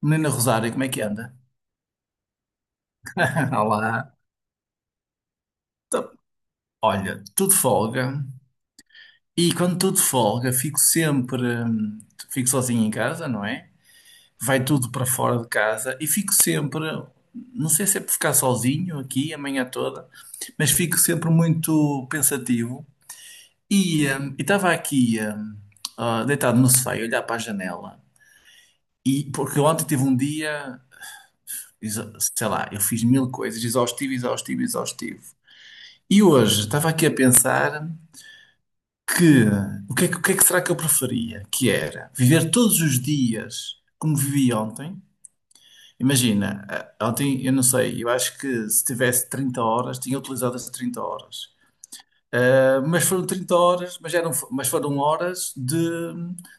Menina Rosário, como é que anda? Olá. Então, olha, tudo de folga. E quando tudo de folga, fico sempre, fico sozinho em casa, não é? Vai tudo para fora de casa e fico sempre, não sei se é por ficar sozinho aqui a manhã toda, mas fico sempre muito pensativo. E estava aqui, deitado no sofá, a olhar para a janela. E porque ontem tive um dia, sei lá, eu fiz mil coisas, exaustivo, exaustivo, exaustivo. E hoje estava aqui a pensar que o que é que será que eu preferia? Que era viver todos os dias como vivi ontem. Imagina, ontem eu não sei, eu acho que se tivesse 30 horas, tinha utilizado as 30 horas. Mas foram 30 horas, mas foram horas de,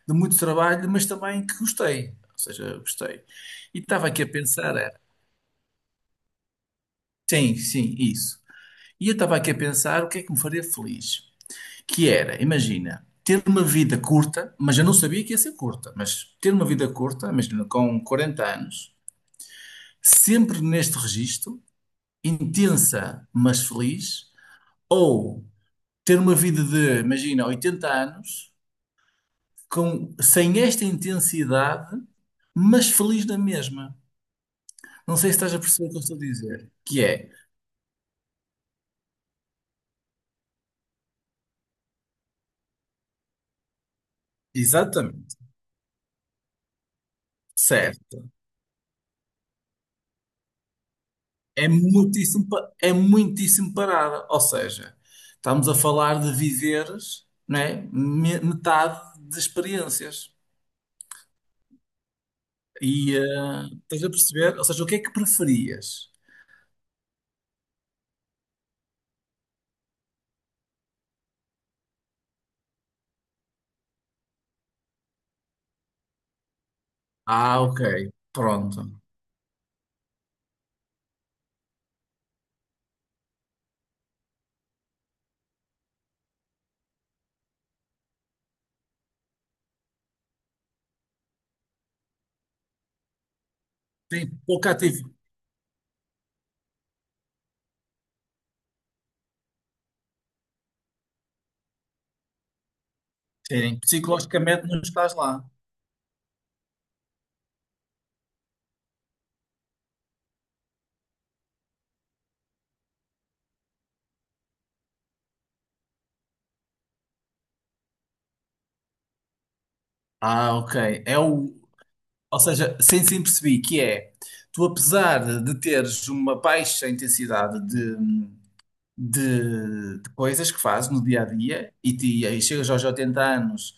de muito trabalho, mas também que gostei. Ou seja, gostei. E estava aqui a pensar, era, sim, sim, isso. E eu estava aqui a pensar o que é que me faria feliz. Que era, imagina, ter uma vida curta, mas eu não sabia que ia ser curta, mas ter uma vida curta, imagina, com 40 anos, sempre neste registro, intensa, mas feliz, ou ter uma vida de, imagina, 80 anos, com, sem esta intensidade, mas feliz na mesma. Não sei se estás a perceber o que eu estou a dizer. Que é, exatamente, certo. É muitíssimo parada. Ou seja, estamos a falar de viveres, né, metade de experiências. E estás a perceber? Ou seja, o que é que preferias? Ah, ok, pronto. Tem pouca atividade. Sim, psicologicamente não estás lá. Ah, ok. É o, ou seja, sem se perceber que é, tu apesar de teres uma baixa intensidade de coisas que fazes no dia a dia e aí chegas aos 80 anos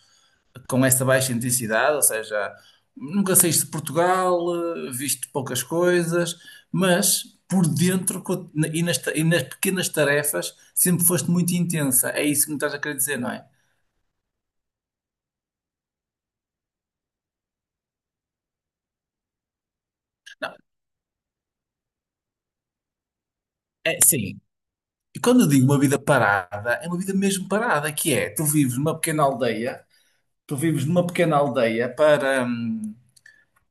com essa baixa intensidade, ou seja, nunca saíste de Portugal, viste poucas coisas, mas por dentro e nas, e nas pequenas tarefas sempre foste muito intensa. É isso que me estás a querer dizer, não é? É, sim. E quando eu digo uma vida parada, é uma vida mesmo parada, que é, tu vives numa pequena aldeia, tu vives numa pequena aldeia para,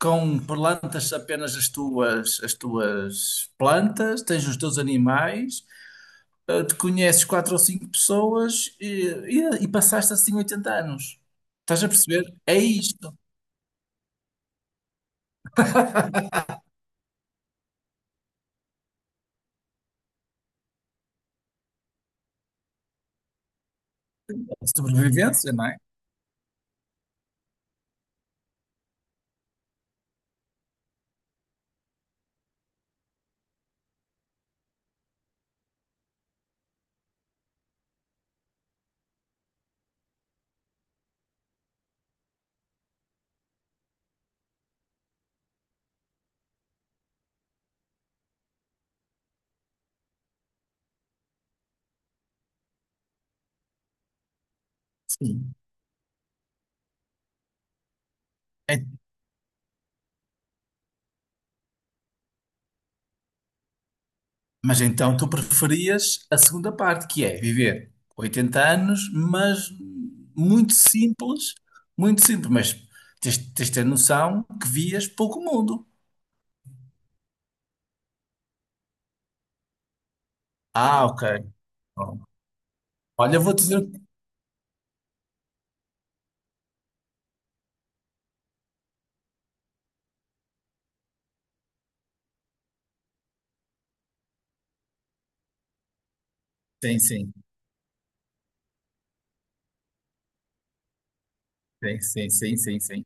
com plantas apenas as tuas plantas, tens os teus animais, te conheces quatro ou cinco pessoas e passaste assim 80 anos. Estás a perceber? É isto. Sobrevivência, não é? Sim. É- mas então tu preferias a segunda parte, que é viver 80 anos, mas muito simples, muito simples, mas tens, tens de ter noção que vias pouco mundo. Ah, ok. Bom, olha, vou dizer. Sim, sim. Sim, sim, sim, sim, sim.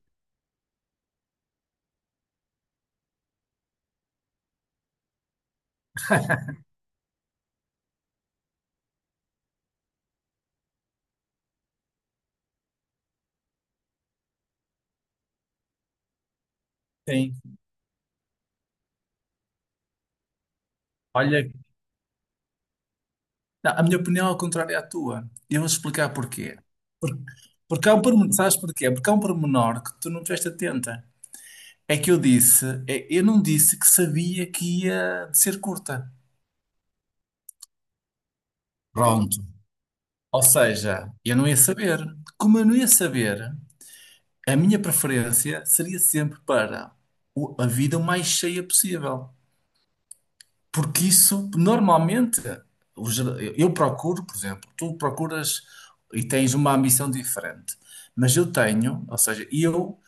Sim. Olha, a minha opinião é ao contrário à tua. E eu vou explicar porquê. Por- Porque, há um pormenor, sabes porquê? Porque há um pormenor que tu não estiveste atenta. É que eu disse, eu não disse que sabia que ia ser curta. Pronto. Ou seja, eu não ia saber. Como eu não ia saber, a minha preferência seria sempre para a vida o mais cheia possível. Porque isso, normalmente, o ger- eu procuro, por exemplo, tu procuras e tens uma ambição diferente, mas eu tenho, ou seja, eu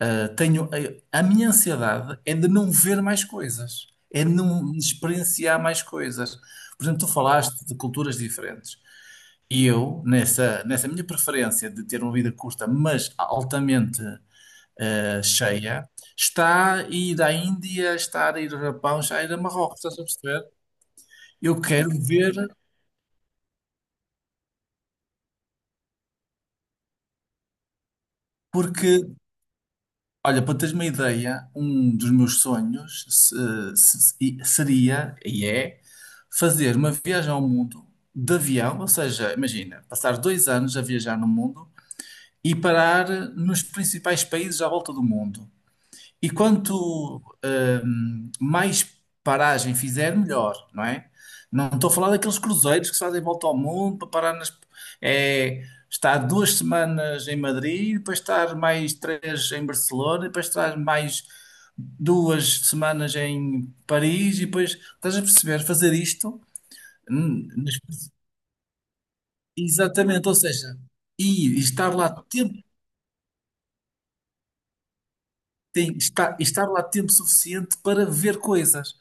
tenho, a minha ansiedade é de não ver mais coisas, é de não experienciar mais coisas. Por exemplo, tu falaste de culturas diferentes. E eu, nessa minha preferência de ter uma vida curta, mas altamente cheia, está a ir à Índia, está a ir ao Japão, está a ir a Marrocos, estás a perceber? Eu quero ver porque, olha, para teres uma ideia, um dos meus sonhos seria e é fazer uma viagem ao mundo de avião, ou seja, imagina, passar 2 anos a viajar no mundo e parar nos principais países à volta do mundo. E quanto mais paragem fizer, melhor, não é? Não estou a falar daqueles cruzeiros que se fazem volta ao mundo para parar nas. É, estar 2 semanas em Madrid, depois estar mais três em Barcelona, depois estar mais 2 semanas em Paris, e depois estás a perceber, fazer isto. hum, mas- Exatamente, ou seja, e estar lá tempo. Sim, estar, estar lá tempo suficiente para ver coisas.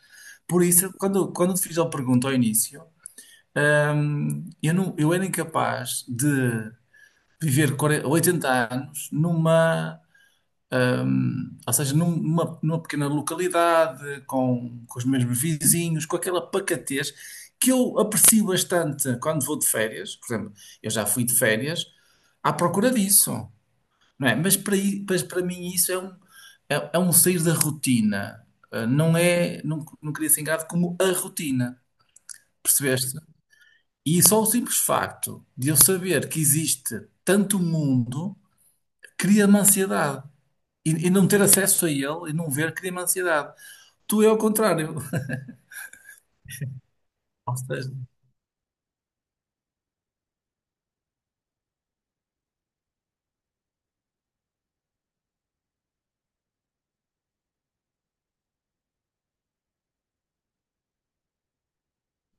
Por isso, quando, quando te fiz a pergunta ao início, eu, não, eu era incapaz de viver 40, 80 anos ou seja, numa pequena localidade, com os mesmos vizinhos, com aquela pacatez que eu aprecio bastante quando vou de férias. Por exemplo, eu já fui de férias à procura disso, não é? Mas para, mas para mim isso é um, é, é um sair da rotina. Não é, não, não queria ser encarado como a rotina, percebeste? E só o simples facto de eu saber que existe tanto mundo cria-me ansiedade. E não ter acesso a ele e não ver cria-me ansiedade. Tu é ao contrário. Ou seja,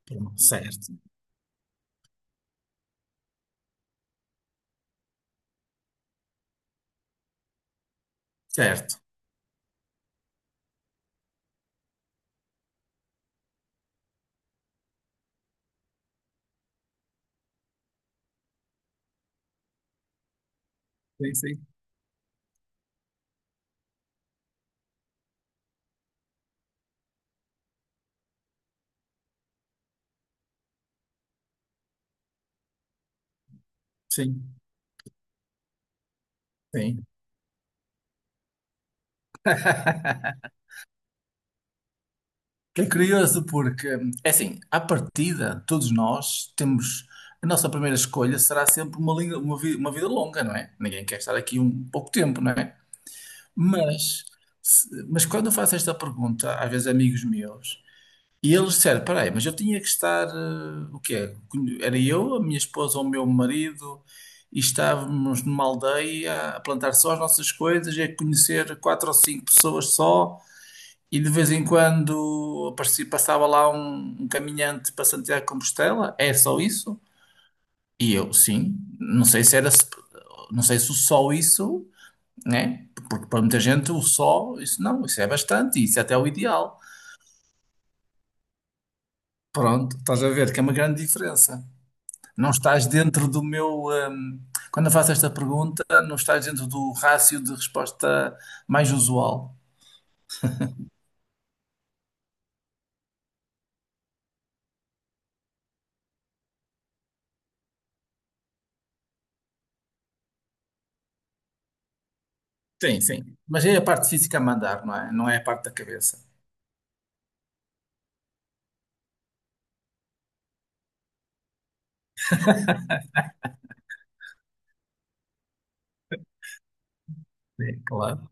pronto, certo, certo. Sim, sim, sim, sim. É curioso porque, é assim, à partida, todos nós temos. A nossa primeira escolha será sempre uma, linha- uma, vi- uma vida longa, não é? Ninguém quer estar aqui um pouco tempo, não é? Mas, mas quando eu faço esta pergunta, às vezes a amigos meus, e eles disseram: peraí, mas eu tinha que estar. O quê? Era eu, a minha esposa ou o meu marido, e estávamos numa aldeia a plantar só as nossas coisas e a conhecer quatro ou cinco pessoas só. E de vez em quando passava lá um caminhante para Santiago de Compostela, é só isso? E eu, sim, não sei se era, não sei se o só isso, né? Porque para muita gente o só, isso não, isso é bastante, isso é até o ideal. Pronto, estás a ver que é uma grande diferença. Não estás dentro do meu, quando eu faço esta pergunta, não estás dentro do rácio de resposta mais usual. Sim, sim. Mas é a parte física a mandar, não é? Não é a parte da cabeça. Sim, claro.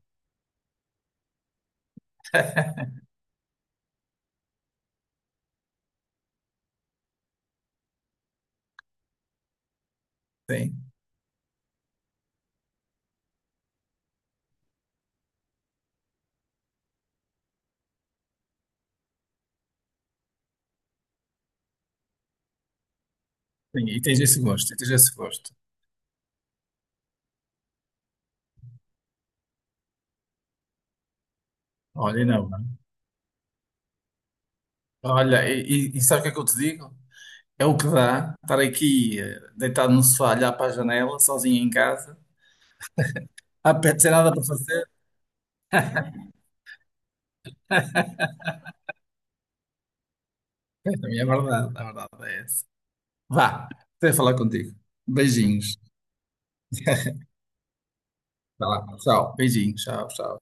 Sim. Sim, e tens esse gosto, e tens esse gosto. Olha, e não, mano. Olha, e sabe o que é que eu te digo? É o que dá estar aqui deitado no sofá, olhar para a janela, sozinho em casa, a pé, sem nada para fazer. É, também é verdade, a verdade é essa. Vá, até falar contigo. Beijinhos. Vá lá, tchau. Beijinhos, tchau, tchau.